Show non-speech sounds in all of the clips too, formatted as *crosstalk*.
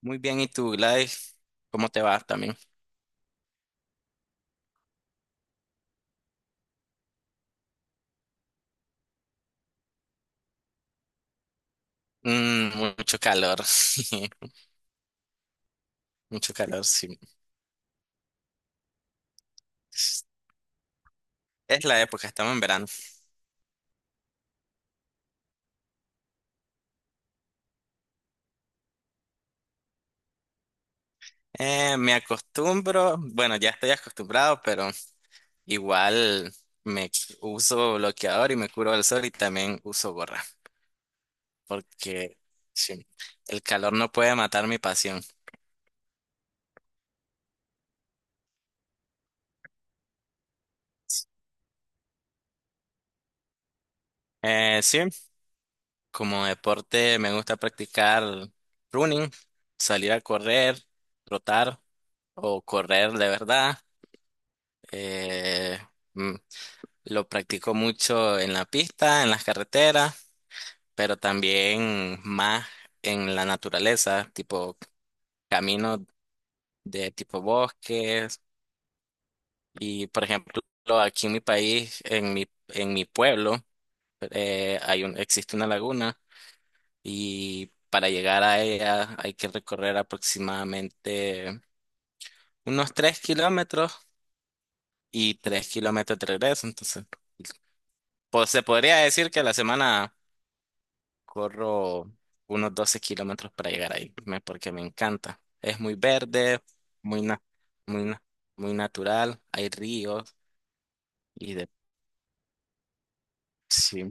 Muy bien, ¿y tú, Gladys? ¿Cómo te va también? Mucho calor, *laughs* mucho calor, sí. Es la época, estamos en verano. Me acostumbro, bueno, ya estoy acostumbrado, pero igual me uso bloqueador y me curo del sol y también uso gorra, porque sí, el calor no puede matar mi pasión. Sí, como deporte me gusta practicar running, salir a correr, trotar o correr de verdad. Eh, mm, lo practico mucho en la pista, en las carreteras, pero también más en la naturaleza, tipo caminos de tipo bosques. Y por ejemplo, aquí en mi país, en mi pueblo, existe una laguna y para llegar a ella hay que recorrer aproximadamente unos 3 kilómetros y 3 kilómetros de regreso. Entonces, pues se podría decir que la semana. Corro unos 12 kilómetros para llegar ahí, porque me encanta. Es muy verde, muy, na- muy, na- muy natural, hay ríos y de. Sí,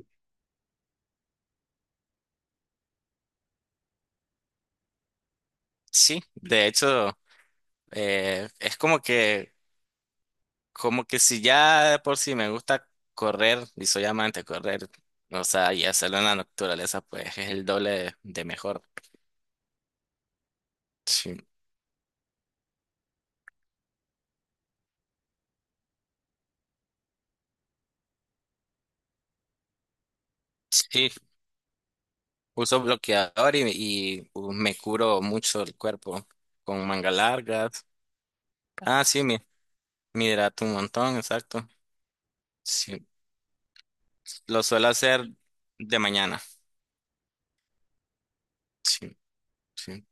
sí, de hecho, eh, es como que, como que si ya de por sí me gusta correr y soy amante de correr, o sea, y hacerlo en la naturaleza, pues es el doble de mejor. Sí, sí, uso bloqueador y me curo mucho el cuerpo con mangas largas. Ah, sí, mi hidrato un montón, exacto. Sí, lo suelo hacer de mañana. Sí, sí.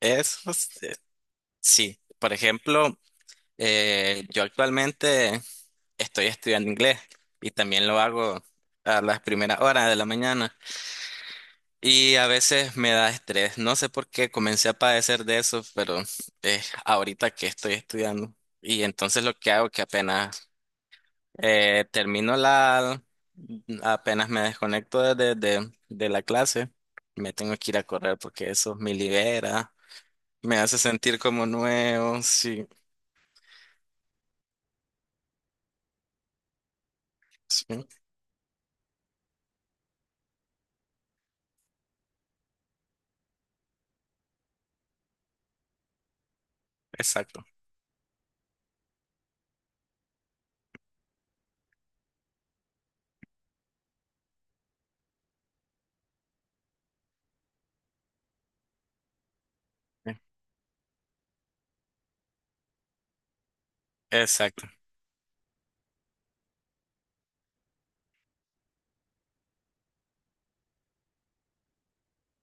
Eso, eh, sí. Por ejemplo, yo actualmente estoy estudiando inglés y también lo hago a las primeras horas de la mañana y a veces me da estrés. No sé por qué comencé a padecer de eso, pero es ahorita que estoy estudiando. Y entonces lo que hago que Eh, termino la, apenas me desconecto de la clase, me tengo que ir a correr porque eso me libera, me hace sentir como nuevo, sí, sí, exacto, exacto.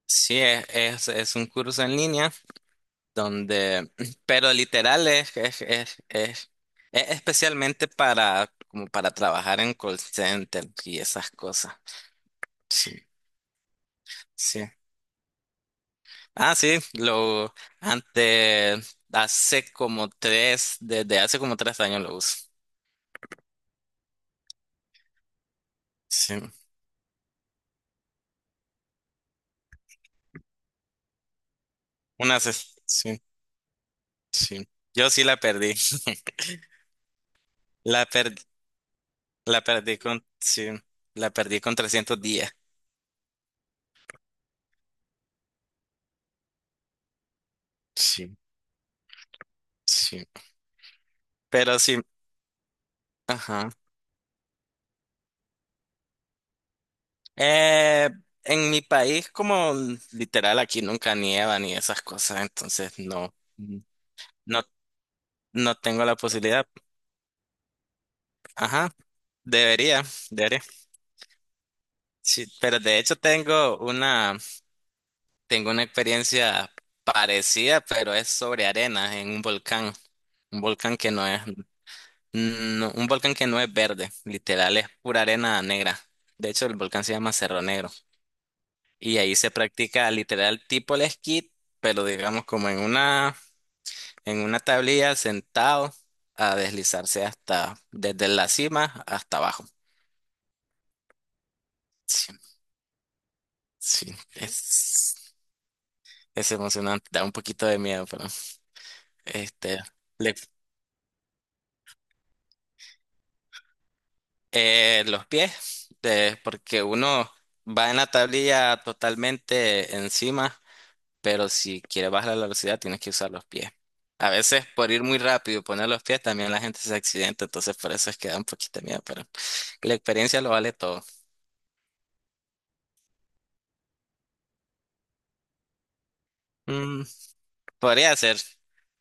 Sí, es un curso en línea donde, *clears throat* pero literal es especialmente para, como para trabajar en call center y esas cosas. Sí, sí. Ah, sí, lo antes, desde hace como 3 años lo uso. Sí, una, se- sí, sí. Yo sí la perdí. *laughs* La per- la perdí con, sí, la perdí con 300 días. Sí, sí. Pero sí, ajá. Eh, en mi país, como literal aquí nunca nieva ni esas cosas, entonces no, no tengo la posibilidad. Ajá, debería, debería. Sí, pero de hecho tengo una experiencia parecida, pero es sobre arena en un volcán. Un volcán que no es, no- un volcán que no es verde, literal es pura arena negra. De hecho, el volcán se llama Cerro Negro. Y ahí se practica literal tipo el esquí, pero digamos como en una tablilla sentado a deslizarse desde la cima hasta abajo. Sí, sí, es emocionante, da un poquito de miedo, pero. Este, le- los pies, porque uno va en la tablilla totalmente encima, pero si quieres bajar la velocidad tienes que usar los pies. A veces por ir muy rápido y poner los pies también la gente se accidenta, entonces por eso es que da un poquito de miedo, pero la experiencia lo vale todo. Mm, Podría ser.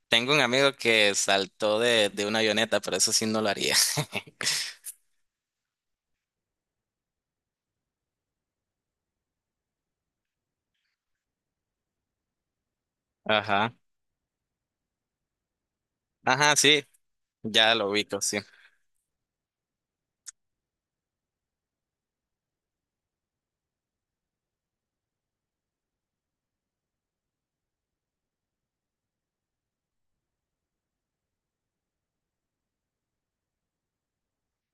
Tengo un amigo que saltó de una avioneta, pero eso sí no lo haría. *laughs* Ajá. Ajá, sí, ya lo ubico, sí.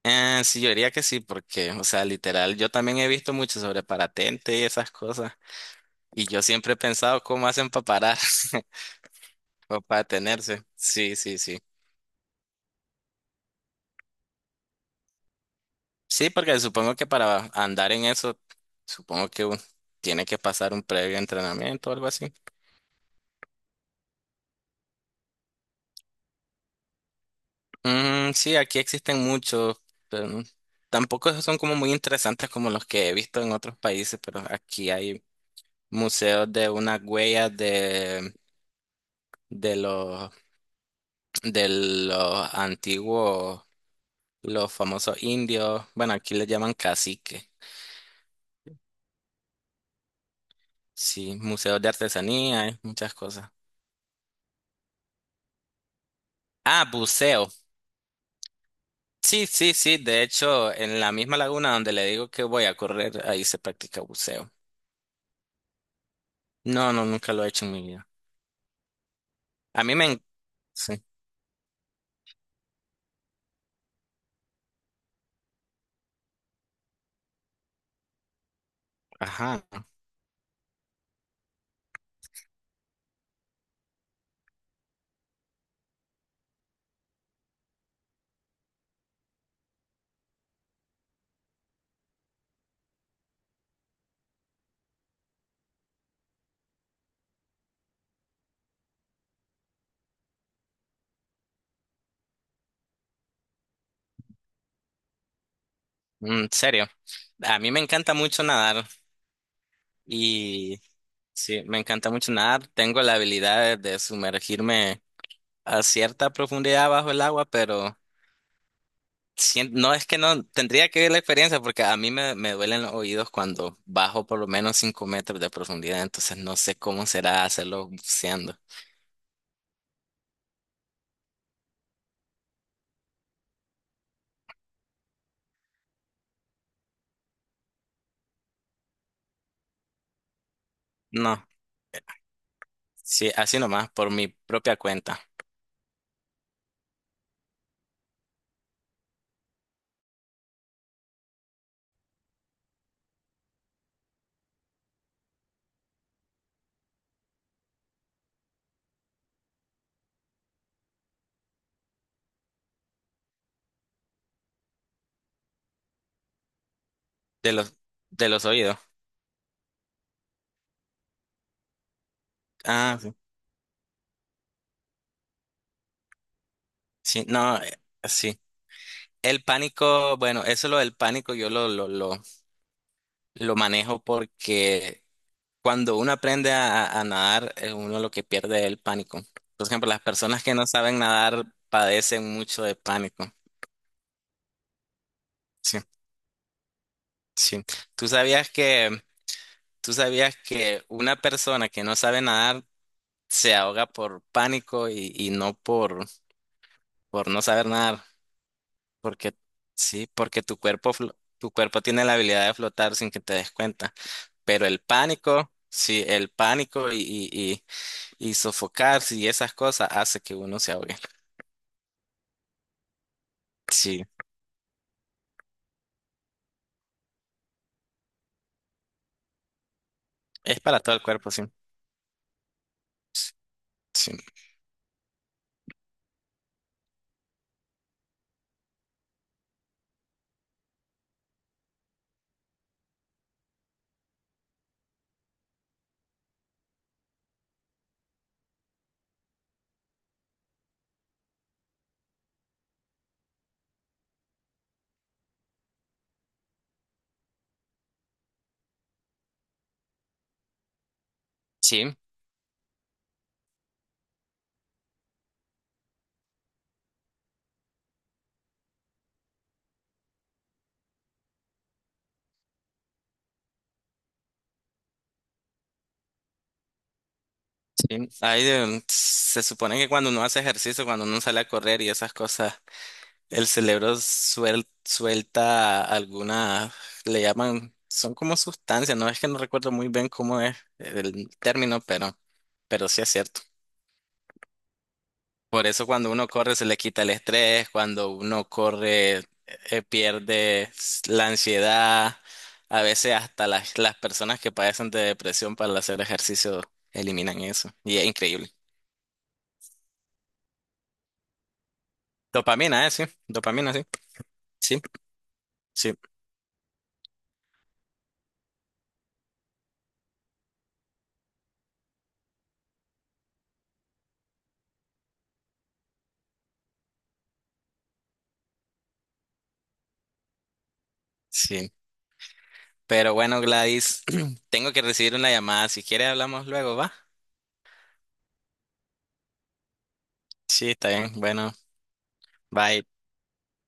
Sí, yo diría que sí, porque, o sea, literal, yo también he visto mucho sobre parapente y esas cosas, y yo siempre he pensado cómo hacen para parar *laughs* o para detenerse. Sí, sí, sí. Sí, porque supongo que para andar en eso, supongo que tiene que pasar un previo entrenamiento o algo así. Mm, sí, aquí existen muchos, pero tampoco esos son como muy interesantes como los que he visto en otros países, pero aquí hay museos de unas huellas de los de los antiguos, los famosos indios, bueno, aquí les llaman cacique, sí, museos de artesanía, muchas cosas. Ah, buceo. Sí, sí, sí, de hecho, en la misma laguna donde le digo que voy a correr, ahí se practica buceo. No, no, nunca lo he hecho en mi vida. A mí me... en- Sí, ajá. En serio. A mí me encanta mucho nadar y sí, me encanta mucho nadar. Tengo la habilidad de sumergirme a cierta profundidad bajo el agua, pero. No es que no, tendría que ver la experiencia porque a mí me duelen los oídos cuando bajo por lo menos 5 metros de profundidad, entonces no sé cómo será hacerlo buceando. No, sí, así nomás, por mi propia cuenta, de los, de los oídos. Ah, sí. Sí, no, sí. El pánico, bueno, eso lo del pánico yo lo manejo porque cuando uno aprende a nadar, uno lo que pierde es el pánico. Por ejemplo, las personas que no saben nadar padecen mucho de pánico. Sí. Sí. ¿Tú sabías que, tú sabías que una persona que no sabe nadar se ahoga por pánico y no por no saber nadar? Porque, sí, porque tu cuerpo tiene la habilidad de flotar sin que te des cuenta. Pero el pánico, sí, el pánico y sofocarse y esas cosas hace que uno se ahogue. Sí. Es para todo el cuerpo, sí. Sí. Sí, sí. Ahí, se supone que cuando uno hace ejercicio, cuando uno sale a correr y esas cosas. El cerebro suelta alguna, le llaman, son como sustancias, no es que no recuerdo muy bien cómo es el término, pero sí es cierto. Por eso cuando uno corre se le quita el estrés, cuando uno corre pierde la ansiedad, a veces hasta las personas que padecen de depresión para hacer ejercicio eliminan eso, y es increíble. Dopamina, sí, dopamina, sí, sí, sí, sí. Pero bueno, Gladys, *clears throat* tengo que recibir una llamada. Si quiere, hablamos luego, ¿va? Sí, está bien. Bueno, bye.